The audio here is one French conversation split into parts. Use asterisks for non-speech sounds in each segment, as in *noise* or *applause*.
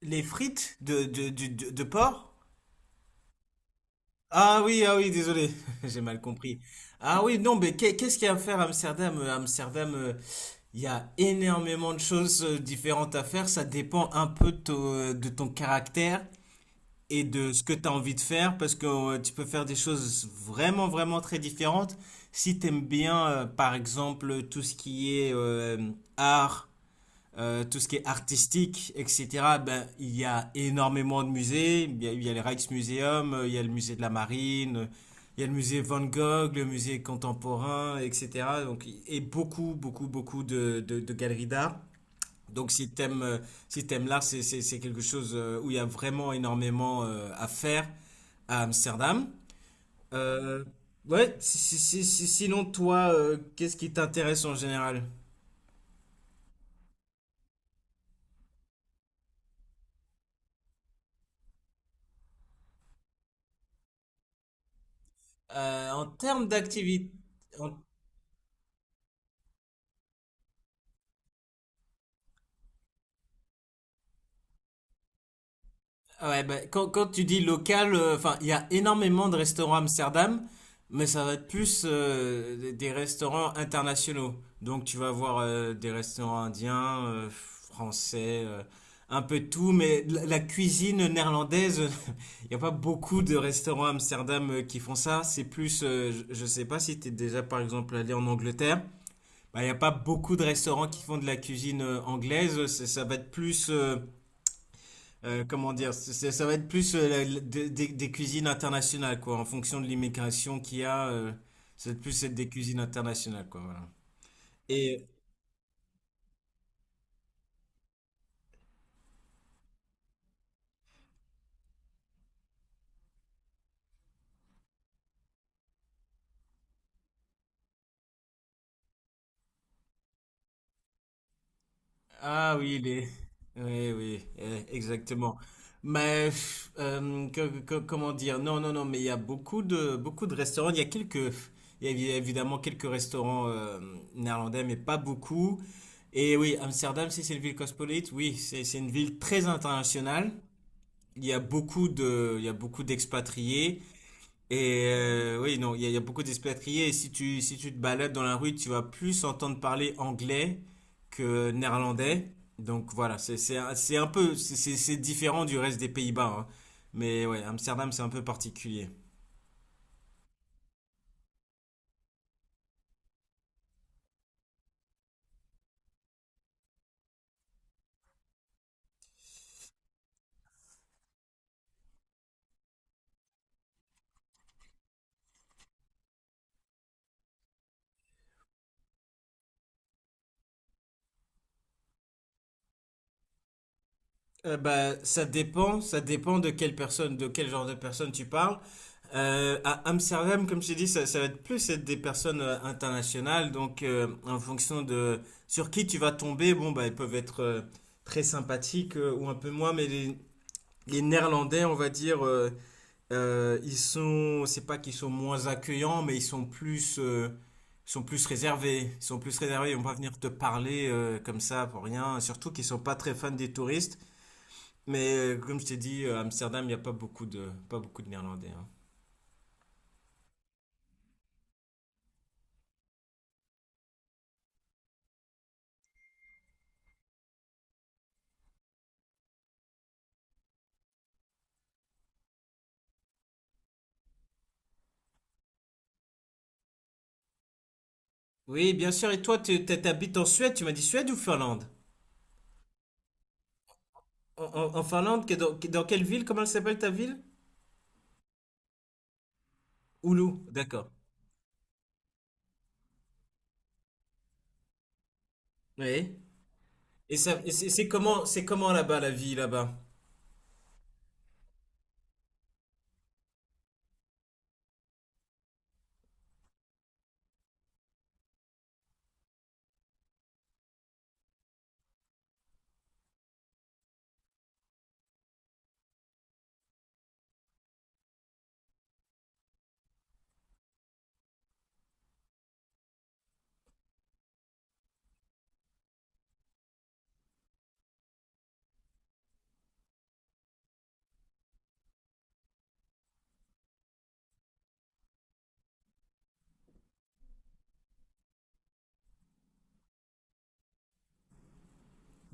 Les frites de porc? Ah oui, ah oui, désolé, *laughs* j'ai mal compris. Ah oui, non, mais qu'est-ce qu'il y a à faire à Amsterdam? Amsterdam, il y a énormément de choses différentes à faire. Ça dépend un peu de ton caractère et de ce que tu as envie de faire, parce que tu peux faire des choses vraiment, vraiment très différentes. Si tu aimes bien, par exemple, tout ce qui est art, tout ce qui est artistique, etc. Ben, il y a énormément de musées. Il y a le Rijksmuseum, il y a le musée de la Marine, il y a le musée Van Gogh, le musée contemporain, etc. Donc, et beaucoup, beaucoup, beaucoup de galeries d'art. Donc, si t'aimes l'art, c'est quelque chose où il y a vraiment énormément à faire à Amsterdam. Euh, ouais, sinon, toi, qu'est-ce qui t'intéresse en général? En termes d'activité. Ah ouais, bah, quand tu dis local, enfin, il y a énormément de restaurants à Amsterdam, mais ça va être plus des restaurants internationaux. Donc tu vas avoir des restaurants indiens, français, un peu de tout, mais la cuisine néerlandaise, *laughs* il n'y a pas beaucoup de restaurants à Amsterdam qui font ça. C'est plus, je ne sais pas si tu es déjà par exemple allé en Angleterre, bah, il n'y a pas beaucoup de restaurants qui font de la cuisine anglaise. Ça va être plus, comment dire, ça va être plus des cuisines internationales, quoi, en fonction de l'immigration qu'il y a, ça va être plus être des cuisines internationales, quoi, voilà. Et, ah oui, oui, oui, exactement. Mais, comment dire, non, non, non, mais il y a beaucoup de restaurants, il y a quelques, il y a évi- évidemment quelques restaurants néerlandais, mais pas beaucoup. Et oui, Amsterdam, si c'est une ville cosmopolite, oui, c'est une ville très internationale. Il y a beaucoup d'expatriés. Et oui, non, il y a beaucoup d'expatriés. Et si tu te balades dans la rue, tu vas plus entendre parler anglais que néerlandais. Donc voilà, c'est un peu, c'est différent du reste des Pays-Bas, hein. Mais ouais, Amsterdam, c'est un peu particulier. Bah, ça dépend de quel genre de personne tu parles. À Amsterdam, comme je t'ai dit, ça va être plus être des personnes internationales. Donc, en fonction de sur qui tu vas tomber, bon, bah, ils peuvent être très sympathiques ou un peu moins. Mais les Néerlandais, on va dire, c'est pas qu'ils sont moins accueillants, mais ils sont plus réservés. Ils sont plus réservés. Ils vont pas venir te parler comme ça pour rien. Surtout qu'ils sont pas très fans des touristes. Mais comme je t'ai dit, Amsterdam, il n'y a pas beaucoup de Néerlandais, hein. Oui, bien sûr. Et toi, tu t'habites en Suède? Tu m'as dit Suède ou Finlande? En Finlande, dans quelle ville? Comment elle s'appelle ta ville? Oulu. D'accord. Oui. Et c'est comment là-bas, la vie là-bas?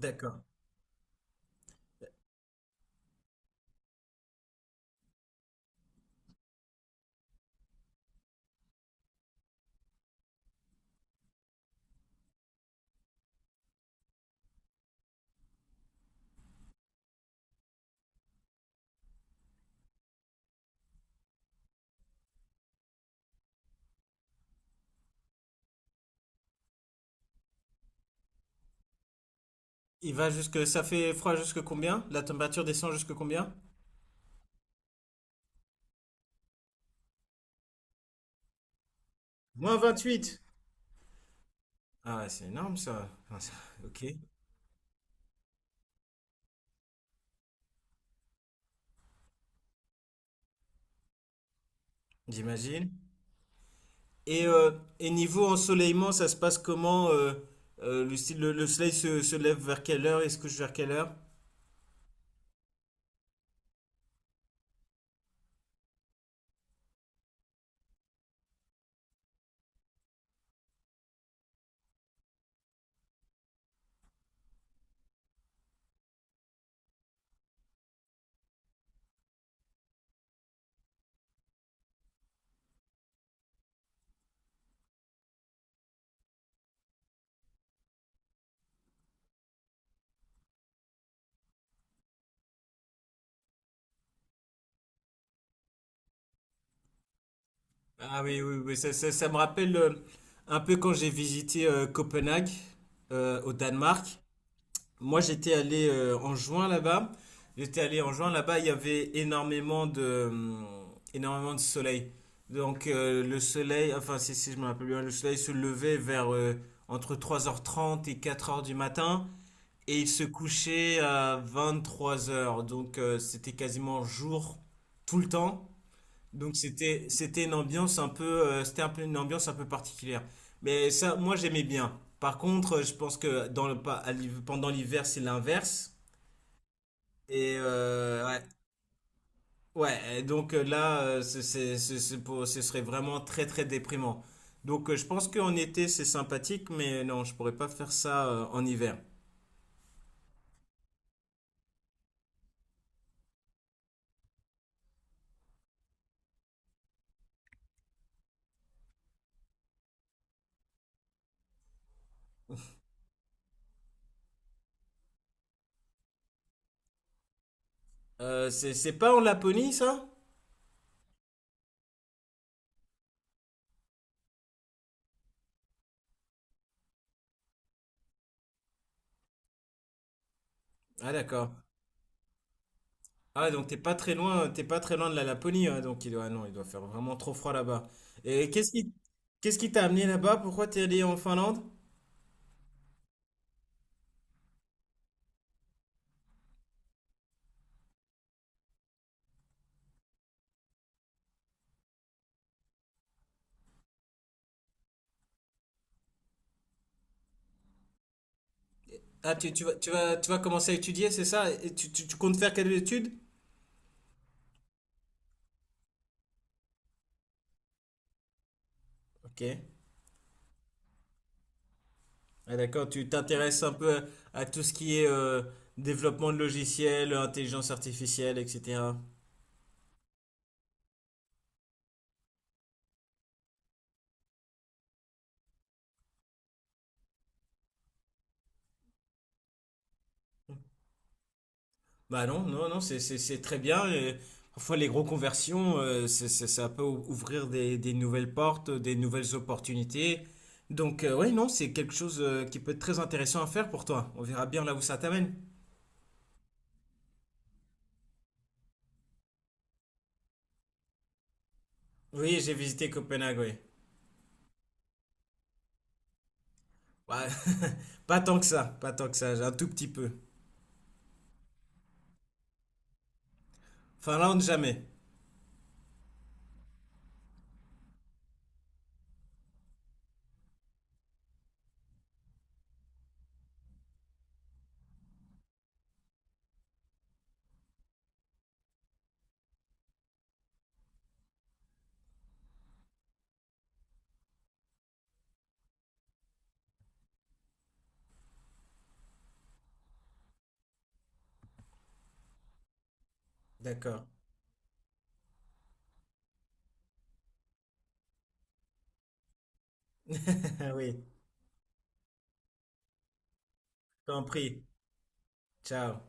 D'accord. Ça fait froid jusque combien? La température descend jusque combien? -28. Ah ouais, c'est énorme ça. *laughs* Ok, j'imagine. Et, euh, et niveau ensoleillement, ça se passe comment, le soleil se lève vers quelle heure et se couche vers quelle heure? Ah oui, oui, oui, ça me rappelle un peu quand j'ai visité Copenhague au Danemark. Moi, j'étais allé en juin là-bas. J'étais allé en juin là-bas, il y avait énormément de soleil. Donc le soleil, enfin si je me rappelle bien, le soleil se levait vers entre 3h30 et 4h du matin. Et il se couchait à 23h, donc c'était quasiment jour tout le temps. Donc c'était un peu une ambiance un peu particulière. Mais ça moi j'aimais bien. Par contre, je pense que dans le pa- à l'hiv- pendant l'hiver, c'est l'inverse et ouais, ouais, et donc là ce serait vraiment très très déprimant. Donc je pense qu'en été c'est sympathique mais non, je pourrais pas faire ça en hiver. C'est pas en Laponie ça? Ah d'accord. Ah donc t'es pas très loin, t'es pas très loin de la Laponie, hein, donc ah non, il doit faire vraiment trop froid là-bas. Et qu'est-ce qui t'a amené là-bas? Pourquoi t'es allé en Finlande? Ah tu vas commencer à étudier, c'est ça? Et tu comptes faire quelles études? Ok. Ah, d'accord, tu t'intéresses un peu à tout ce qui est développement de logiciels, intelligence artificielle, etc. Bah non, non, non, c'est très bien. Et parfois, les gros conversions, ça peut ouvrir des nouvelles portes, des nouvelles opportunités. Donc, ouais, non, c'est quelque chose qui peut être très intéressant à faire pour toi. On verra bien là où ça t'amène. Oui, j'ai visité Copenhague, oui. Ouais, *laughs* pas tant que ça, pas tant que ça, j'ai un tout petit peu. Finlande, jamais. D'accord. *laughs* Oui, compris. Ciao.